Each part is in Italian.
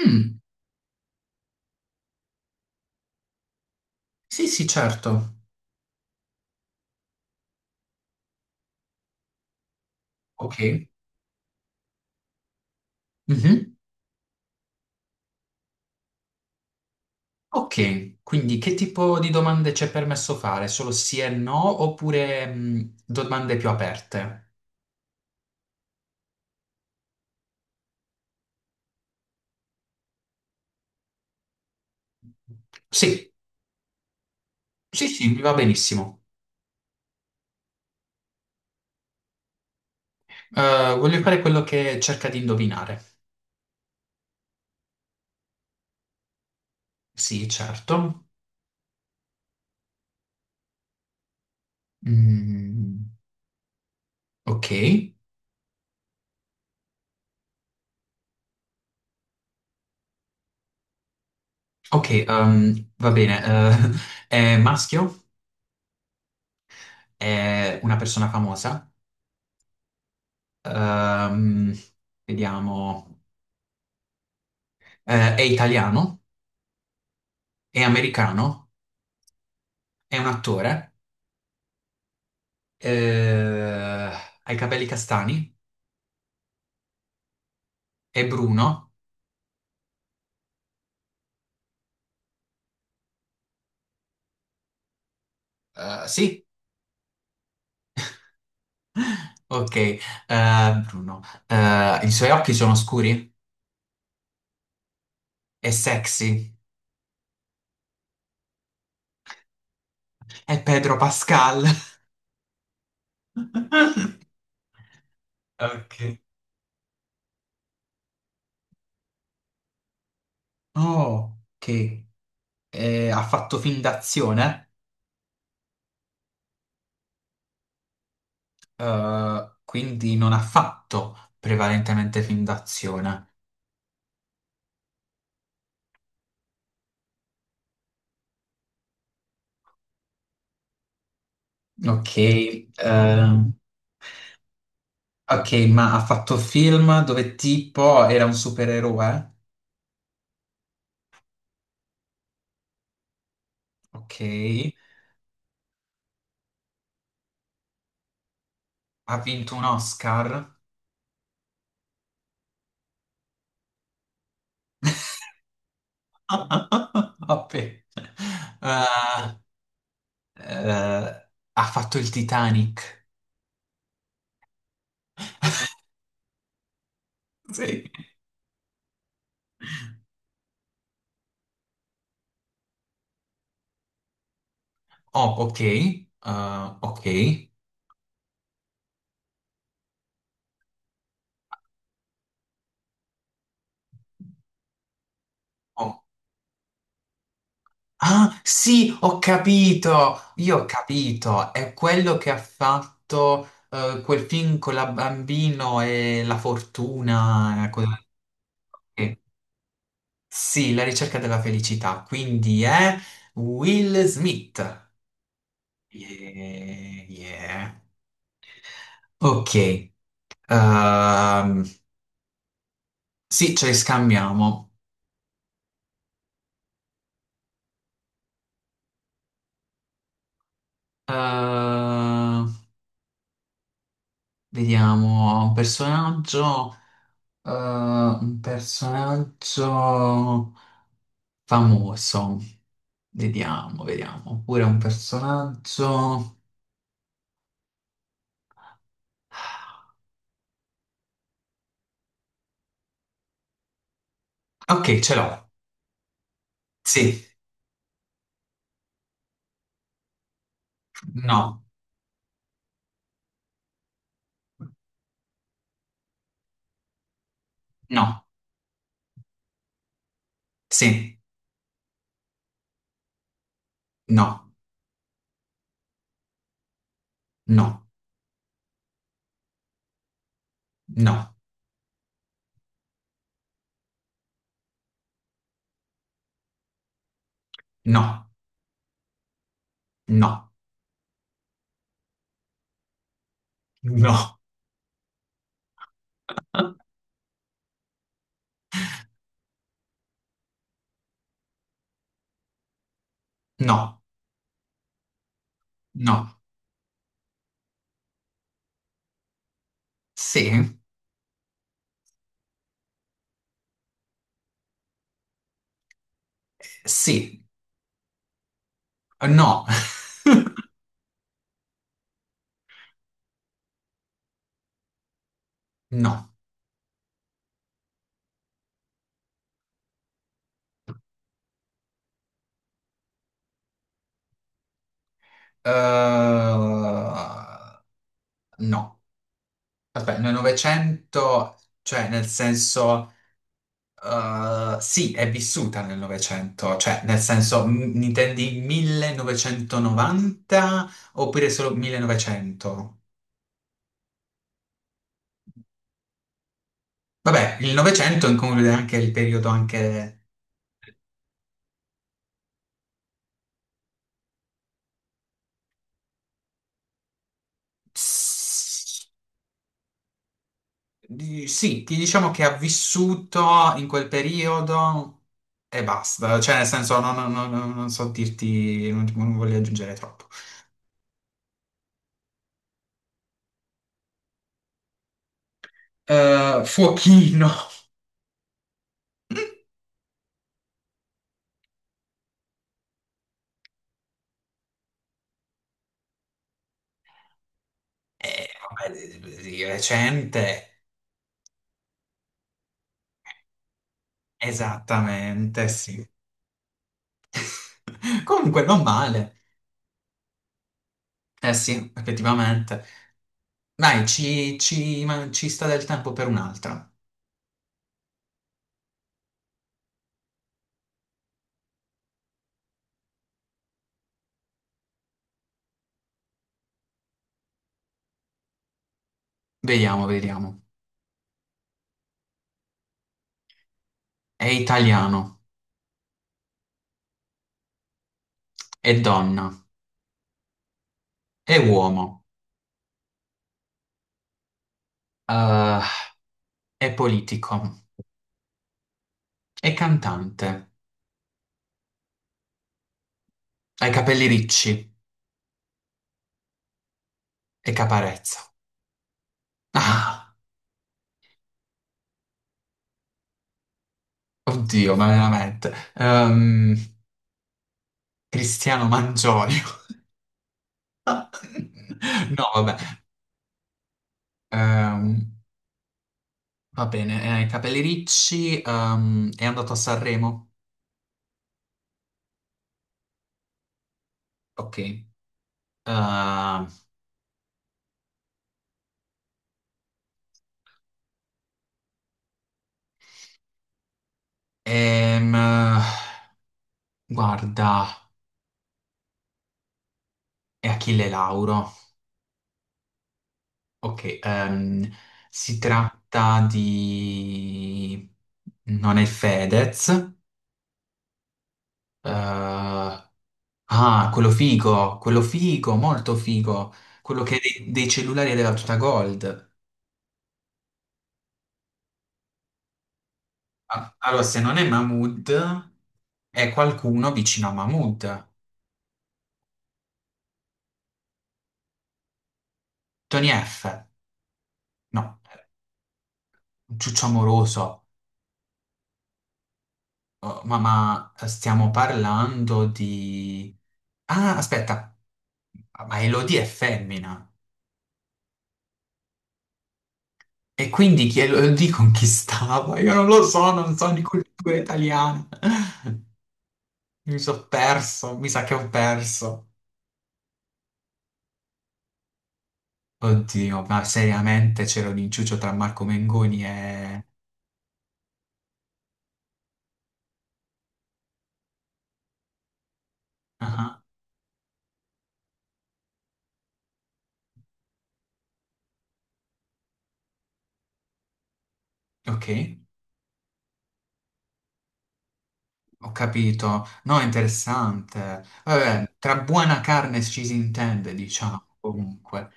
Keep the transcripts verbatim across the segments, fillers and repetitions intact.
Mm, sì, sì, certo. Ok. Mhm. Ok, quindi che tipo di domande c'è permesso fare? Solo sì e no oppure mm, domande più aperte? Sì, sì, sì, mi va benissimo. Eh, voglio fare quello che cerca di indovinare. Sì, certo. Mm, ok, ok, ehm, va bene. eh, è maschio? È una persona famosa? Ehm, vediamo. Eh, è italiano? È americano, è un attore, eh, ha i capelli castani, è Bruno. Eh, sì, ok, eh, Bruno. Eh, i suoi occhi sono scuri, è sexy, è Pedro Pascal. Ok. Oh, ok. Eh, ha fatto film d'azione, eh, quindi non ha fatto prevalentemente film d'azione. Ok, eh, Ok, ma ha fatto film dove tipo era un supereroe? Ok, ha vinto un Oscar? Vabbè. Eh, eh, ha fatto il Titanic? Sì. Oh, ok, eh, ok. Oh. Ah, sì, ho capito! Io ho capito, è quello che ha fatto eh, quel film con la bambino e la fortuna. eh, quella- Ok. Sì, la ricerca della felicità, quindi è Will Smith. Yeah, yeah. Ok, ehm, sì, ce li scambiamo. Ehm, vediamo, un personaggio, eh, un personaggio famoso. Vediamo, vediamo, oppure un personaggio. Ok, ce l'ho. Sì, no, no, sì, no, no, no. No, no, no, no, no. Sì, sì, no, no. Eh, no. Aspetta, nel Novecento, cioè nel senso, eh, sì, è vissuta nel Novecento, cioè nel senso, m- intendi millenovecentonovanta oppure solo millenovecento? Vabbè, il Novecento include anche il periodo anche. Di- sì, ti diciamo che ha vissuto in quel periodo e basta, cioè nel senso non, non- non- non so dirti, non, non voglio aggiungere troppo. Eh, Fuochino, Eh, vabbè, di recente, esattamente, sì. Comunque non male, eh sì, effettivamente. Dai, ci, ci- ma- ci sta del tempo per un'altra. Vediamo, vediamo. È italiano, è donna, è uomo, eh, è politico. È cantante, ha i capelli ricci e caparezza. Ah, oddio, ma veramente. Ehm, Cristiano Mangioio. No, vabbè. Ehm, va bene, eh, i capelli ricci, ehm, è andato a Sanremo. Ok. Ehm, ehm, guarda, è Achille Lauro. Ok, ehm, si tratta di. Non è Fedez. Eh, Ah, quello figo, quello figo, molto figo. Quello che è dei, dei cellulari della tuta Gold. Ah, allora, se non è Mahmood, è qualcuno vicino a Mahmood. Tony F. No, Ciuccio Amoroso. Oh, ma, ma stiamo parlando di. Ah, aspetta. Ma Elodie è femmina. E quindi chi Elodie conquistava? Io non lo so, non so di cultura italiana. Mi sono perso, mi sa che ho perso. Oddio, ma seriamente c'era un inciucio tra Marco Mengoni e. Ah, ah, ok, ho capito. No, è interessante. Vabbè, tra buona carne ci si intende, diciamo, comunque.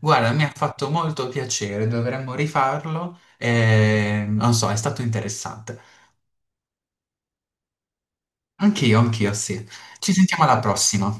Guarda, mi ha fatto molto piacere, dovremmo rifarlo. E, non so, è stato interessante. Anch'io, anch'io, sì. Ci sentiamo alla prossima.